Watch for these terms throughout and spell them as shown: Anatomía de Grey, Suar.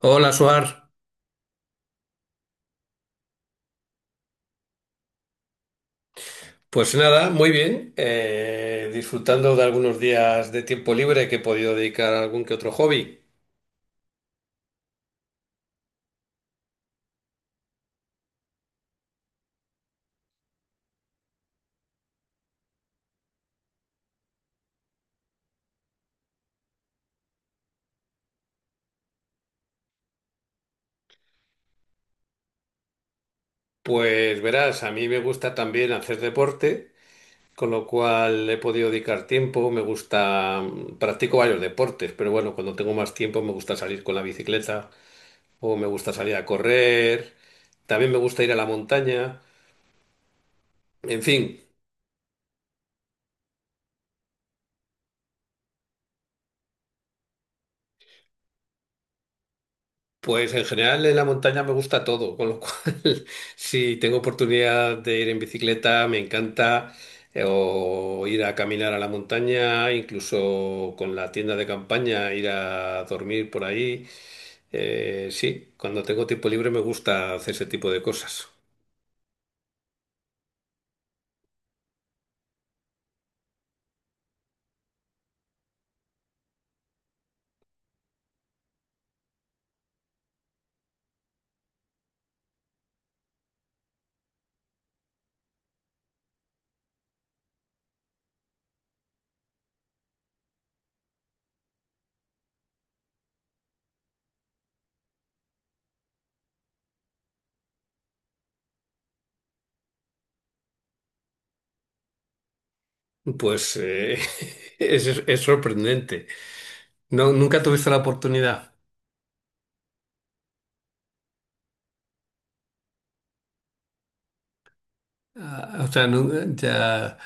Hola, Suar. Pues nada, muy bien. Disfrutando de algunos días de tiempo libre que he podido dedicar a algún que otro hobby. Pues verás, a mí me gusta también hacer deporte, con lo cual he podido dedicar tiempo. Me gusta, practico varios deportes, pero bueno, cuando tengo más tiempo me gusta salir con la bicicleta o me gusta salir a correr. También me gusta ir a la montaña. En fin. Pues en general en la montaña me gusta todo, con lo cual si tengo oportunidad de ir en bicicleta me encanta, o ir a caminar a la montaña, incluso con la tienda de campaña ir a dormir por ahí. Sí, cuando tengo tiempo libre me gusta hacer ese tipo de cosas. Pues es sorprendente. No, nunca tuviste la oportunidad. Ah, o sea, ya.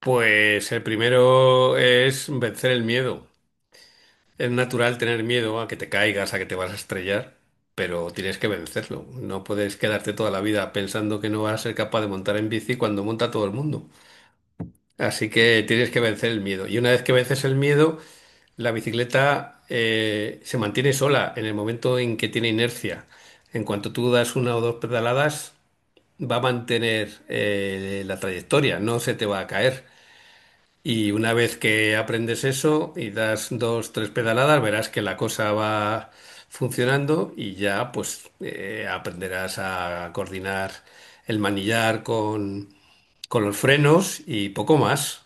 Pues el primero es vencer el miedo. Es natural tener miedo a que te caigas, a que te vas a estrellar, pero tienes que vencerlo. No puedes quedarte toda la vida pensando que no vas a ser capaz de montar en bici cuando monta todo el mundo. Así que tienes que vencer el miedo. Y una vez que vences el miedo, la bicicleta se mantiene sola en el momento en que tiene inercia. En cuanto tú das una o dos pedaladas, va a mantener la trayectoria, no se te va a caer. Y una vez que aprendes eso y das dos, tres pedaladas, verás que la cosa va funcionando y ya pues aprenderás a coordinar el manillar con los frenos y poco más.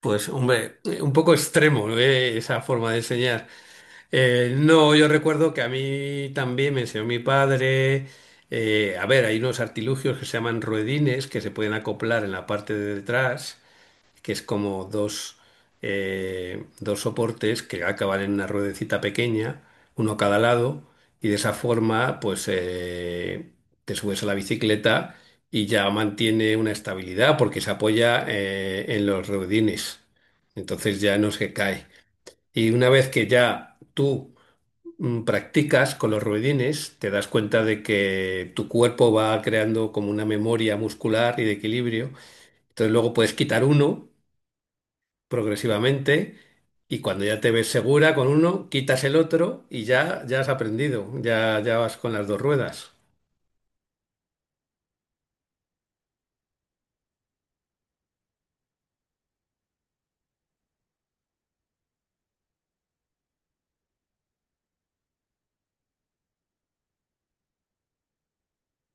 Pues hombre, un poco extremo, ¿eh? Esa forma de enseñar. No, yo recuerdo que a mí también me enseñó mi padre. A ver, hay unos artilugios que se llaman ruedines que se pueden acoplar en la parte de detrás, que es como dos, dos soportes que acaban en una ruedecita pequeña, uno a cada lado, y de esa forma, pues te subes a la bicicleta y ya mantiene una estabilidad porque se apoya en los ruedines. Entonces ya no se cae. Y una vez que ya tú practicas con los ruedines, te das cuenta de que tu cuerpo va creando como una memoria muscular y de equilibrio. Entonces luego puedes quitar uno progresivamente y cuando ya te ves segura con uno, quitas el otro y ya, ya has aprendido, ya, ya vas con las dos ruedas.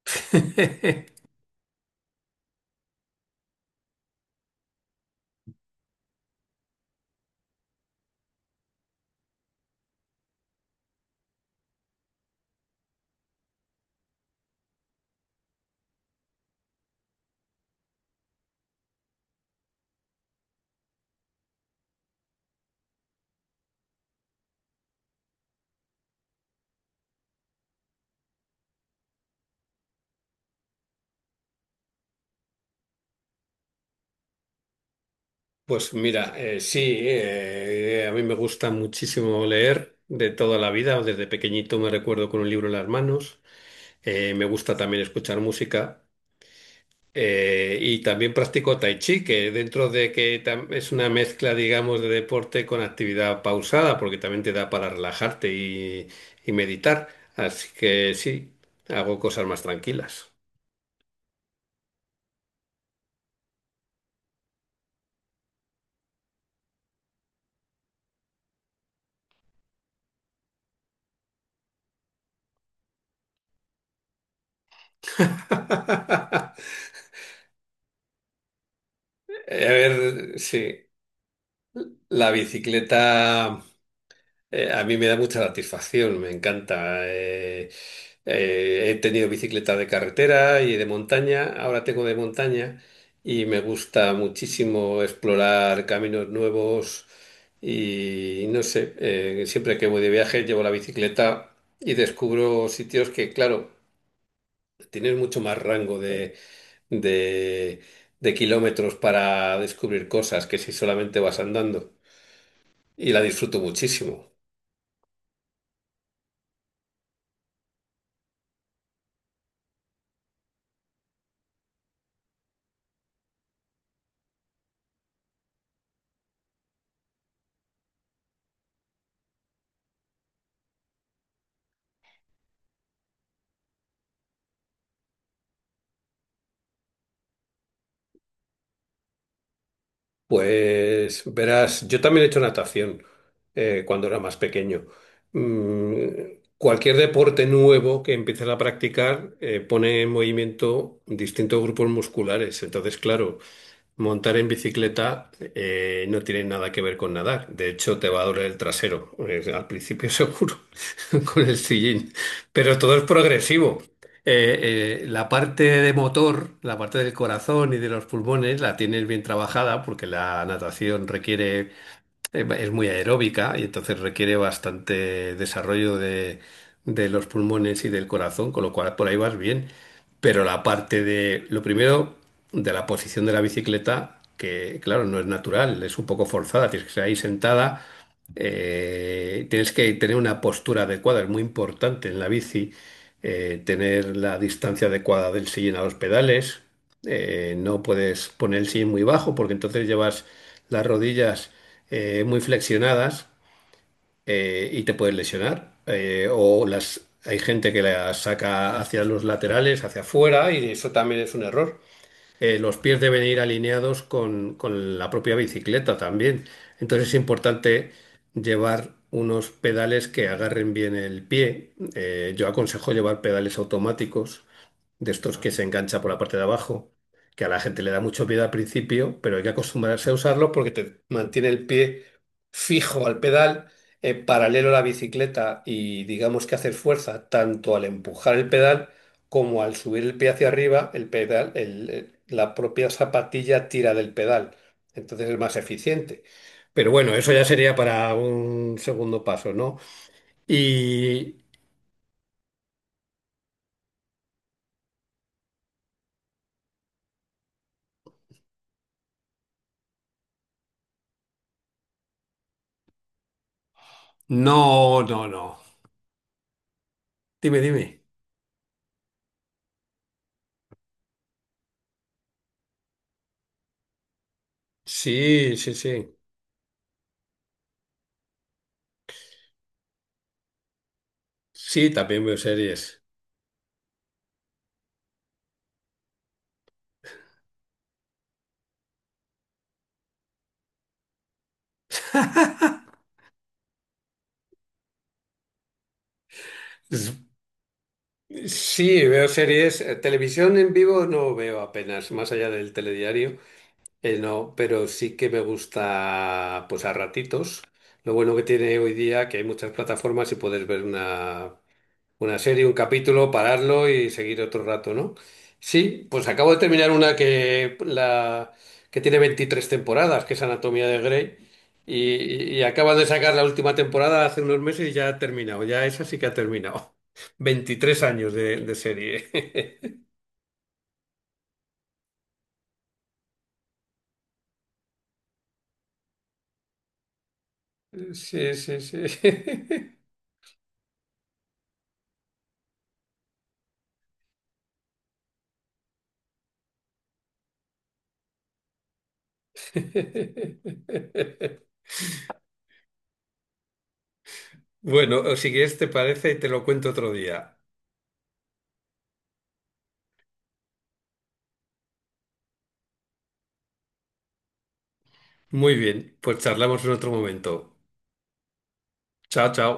Pues mira, sí, a mí me gusta muchísimo leer de toda la vida, desde pequeñito me recuerdo con un libro en las manos. Me gusta también escuchar música. Y también practico tai chi, que dentro de que es una mezcla, digamos, de deporte con actividad pausada, porque también te da para relajarte y meditar. Así que sí, hago cosas más tranquilas. A ver, sí, la bicicleta. A mí me da mucha satisfacción, me encanta. He tenido bicicleta de carretera y de montaña, ahora tengo de montaña y me gusta muchísimo explorar caminos nuevos y no sé, siempre que voy de viaje llevo la bicicleta y descubro sitios que, claro, tienes mucho más rango de, de, de kilómetros para descubrir cosas que si solamente vas andando, y la disfruto muchísimo. Pues verás, yo también he hecho natación cuando era más pequeño. Mm, Cualquier deporte nuevo que empieces a practicar pone en movimiento distintos grupos musculares. Entonces, claro, montar en bicicleta no tiene nada que ver con nadar. De hecho, te va a doler el trasero, al principio seguro, con el sillín. Pero todo es progresivo. La parte de motor, la parte del corazón y de los pulmones, la tienes bien trabajada porque la natación requiere, es muy aeróbica y entonces requiere bastante desarrollo de los pulmones y del corazón, con lo cual por ahí vas bien. Pero la parte de, lo primero, de la posición de la bicicleta, que claro, no es natural, es un poco forzada, tienes que estar ahí sentada, tienes que tener una postura adecuada, es muy importante en la bici, tener la distancia adecuada del sillín a los pedales. No puedes poner el sillín muy bajo porque entonces llevas las rodillas muy flexionadas y te puedes lesionar. O las, hay gente que las saca hacia los laterales, hacia afuera, y eso también es un error. Los pies deben ir alineados con la propia bicicleta también. Entonces es importante llevar unos pedales que agarren bien el pie. Yo aconsejo llevar pedales automáticos, de estos que se engancha por la parte de abajo, que a la gente le da mucho miedo al principio, pero hay que acostumbrarse a usarlo porque te mantiene el pie fijo al pedal, paralelo a la bicicleta, y digamos que hacer fuerza tanto al empujar el pedal como al subir el pie hacia arriba, el pedal, la propia zapatilla tira del pedal. Entonces es más eficiente. Pero bueno, eso ya sería para un segundo paso, ¿no? Y no, no, no. Dime, dime. Sí, sí, sí. Sí, también veo series. Sí, veo series. Televisión en vivo no veo apenas, más allá del telediario. No, pero sí que me gusta, pues a ratitos. Lo bueno que tiene hoy día que hay muchas plataformas y puedes ver una serie, un capítulo, pararlo y seguir otro rato, ¿no? Sí, pues acabo de terminar una que tiene 23 temporadas, que es Anatomía de Grey, y acaban de sacar la última temporada hace unos meses y ya ha terminado, ya esa sí que ha terminado. 23 años de serie. Sí, sí, sí. Bueno, o si quieres, te parece, te lo cuento otro día. Muy bien, pues charlamos en otro momento. Chao, chao.